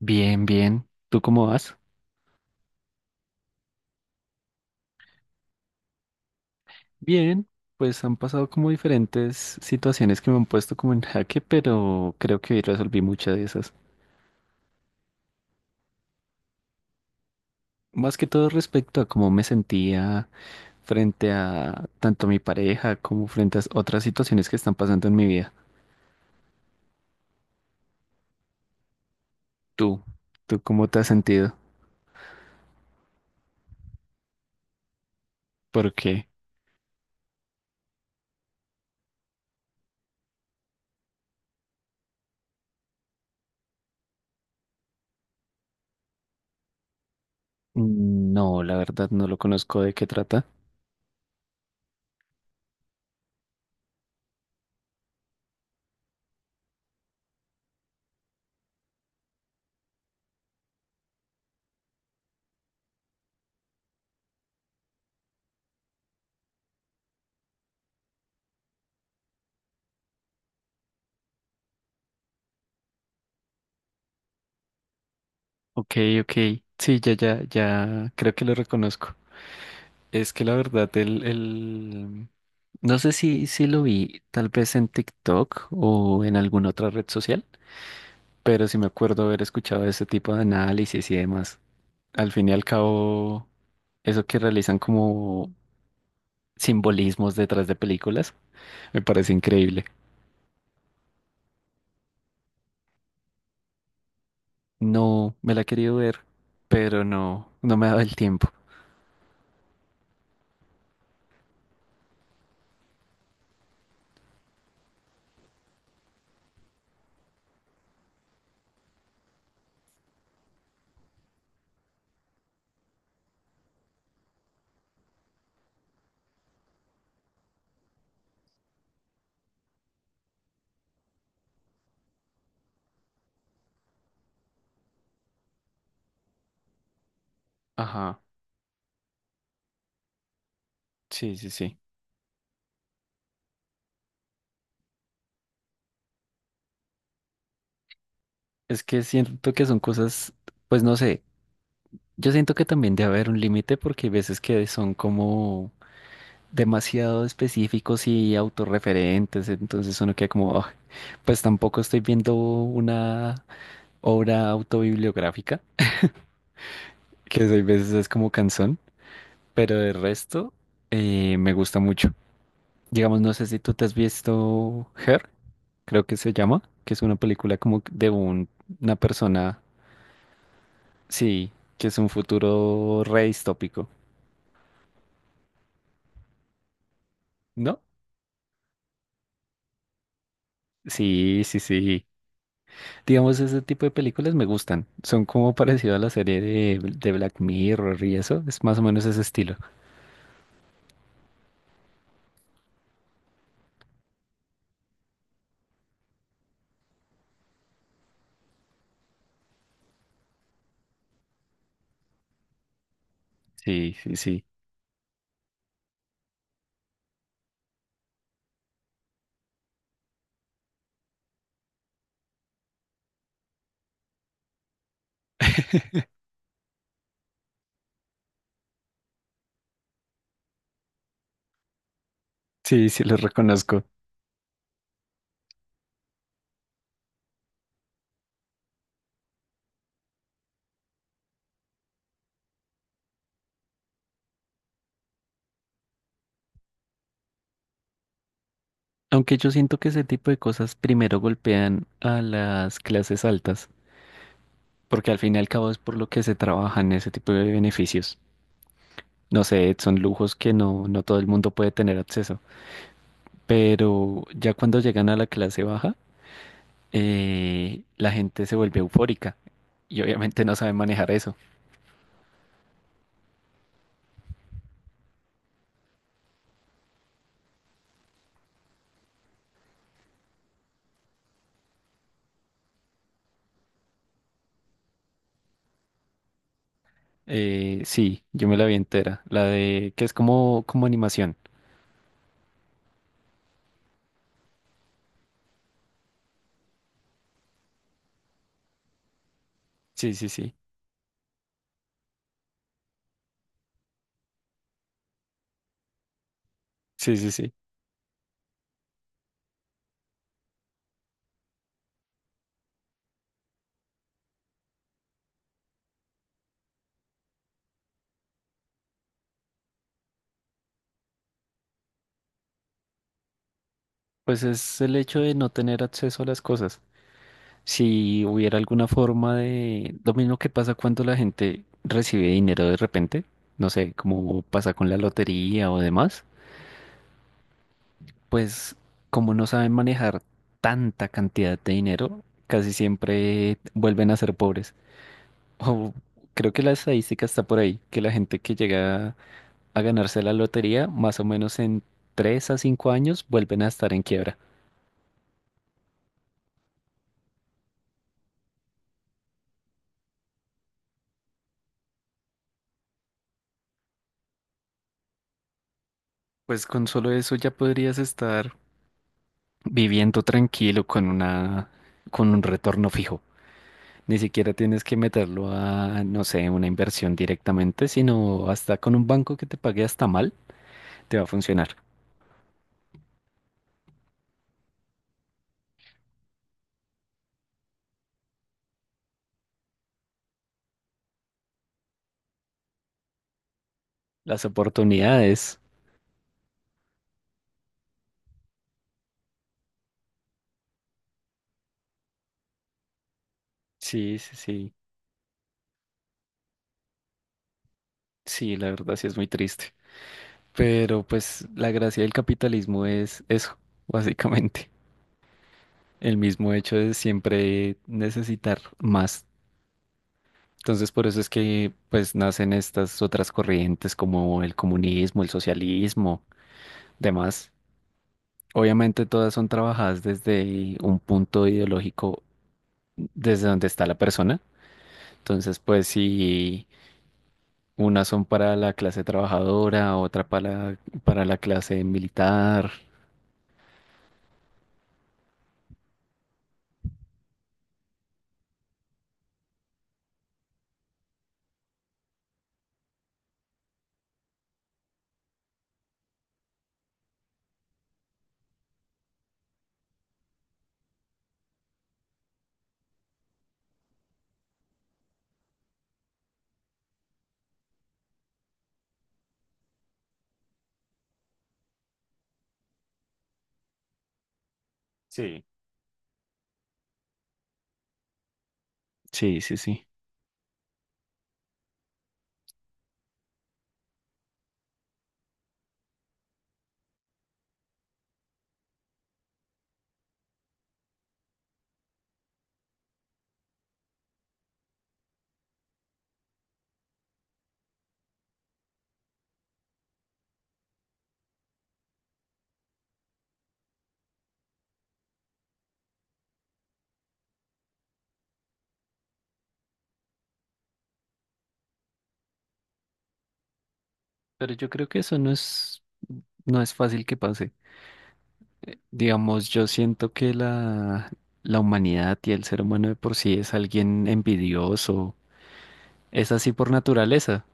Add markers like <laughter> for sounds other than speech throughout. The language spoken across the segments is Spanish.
Bien, bien. ¿Tú cómo vas? Bien, pues han pasado como diferentes situaciones que me han puesto como en jaque, pero creo que hoy resolví muchas de esas. Más que todo respecto a cómo me sentía frente a tanto mi pareja como frente a otras situaciones que están pasando en mi vida. ¿Tú? ¿Tú cómo te has sentido? ¿Por qué? No, la verdad no lo conozco de qué trata. Ok, ok. Sí, ya, ya, ya creo que lo reconozco. Es que la verdad, no sé si, si lo vi tal vez en TikTok o en alguna otra red social, pero sí me acuerdo haber escuchado ese tipo de análisis y demás. Al fin y al cabo, eso que realizan como simbolismos detrás de películas, me parece increíble. No, me la he querido ver, pero no, no me ha dado el tiempo. Ajá, sí, sí, sí. Es que siento que son cosas, pues no sé, yo siento que también debe haber un límite porque hay veces que son como demasiado específicos y autorreferentes, entonces uno queda como, "Ah, pues tampoco estoy viendo una obra autobibliográfica, que a veces es como canción, pero de resto me gusta mucho." Digamos, no sé si tú te has visto Her, creo que se llama, que es una película como de una persona, sí, que es un futuro re distópico, ¿no? Sí, sí, sí. Digamos, ese tipo de películas me gustan. Son como <laughs> parecido a la serie de Black Mirror y eso. Es más o menos ese estilo. Sí, sí, sí. Sí, sí, los reconozco. Aunque yo siento que ese tipo de cosas primero golpean a las clases altas, porque al fin y al cabo es por lo que se trabajan ese tipo de beneficios. No sé, son lujos que no, no todo el mundo puede tener acceso. Pero ya cuando llegan a la clase baja, la gente se vuelve eufórica y obviamente no sabe manejar eso. Sí, yo me la vi entera. La de que es como, como animación. Sí, sí, sí. Sí, sí, sí. Pues es el hecho de no tener acceso a las cosas. Si hubiera alguna forma de... Lo mismo que pasa cuando la gente recibe dinero de repente, no sé, como pasa con la lotería o demás, pues como no saben manejar tanta cantidad de dinero, casi siempre vuelven a ser pobres. <laughs> O creo que la estadística está por ahí, que la gente que llega a ganarse la lotería, más o menos en 3 a 5 años vuelven a estar en quiebra. Pues con solo eso ya podrías estar viviendo tranquilo con un retorno fijo. Ni siquiera tienes que meterlo a, no sé, una inversión directamente, sino hasta con un banco que te pague hasta mal, te va a funcionar. Las oportunidades. Sí, sí, sí. Sí, la verdad sí es muy triste. Pero pues la gracia del capitalismo es eso, básicamente. El mismo hecho de siempre necesitar más. Entonces, por eso es que pues nacen estas otras corrientes como el comunismo, el socialismo, demás. Obviamente todas son trabajadas desde un punto ideológico desde donde está la persona. Entonces, pues si unas son para la clase trabajadora, para la clase militar. Sí. Sí, sí, sí. Pero yo creo que eso no es, no es fácil que pase. Digamos, yo siento que la humanidad y el ser humano de por sí es alguien envidioso. Es así por naturaleza.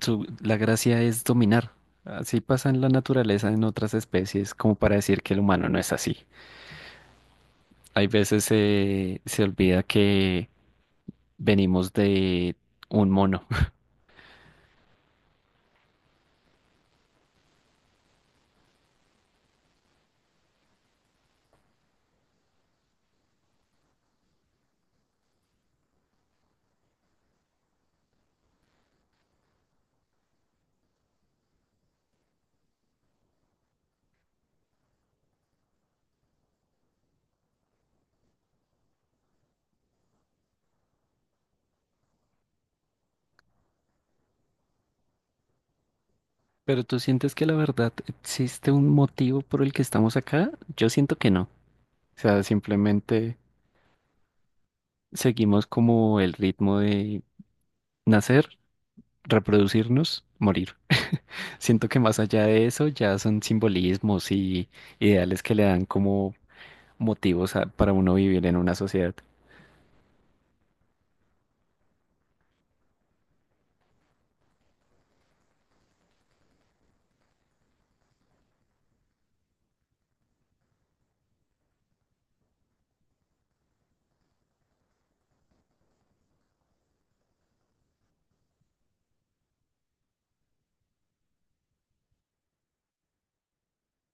La gracia es dominar. Así pasa en la naturaleza en otras especies, como para decir que el humano no es así. Hay veces se olvida que venimos de un mono. <laughs> ¿Pero tú sientes que la verdad existe un motivo por el que estamos acá? Yo siento que no. O sea, simplemente seguimos como el ritmo de nacer, reproducirnos, morir. Siento que más allá de eso ya son simbolismos y ideales que le dan como motivos para uno vivir en una sociedad.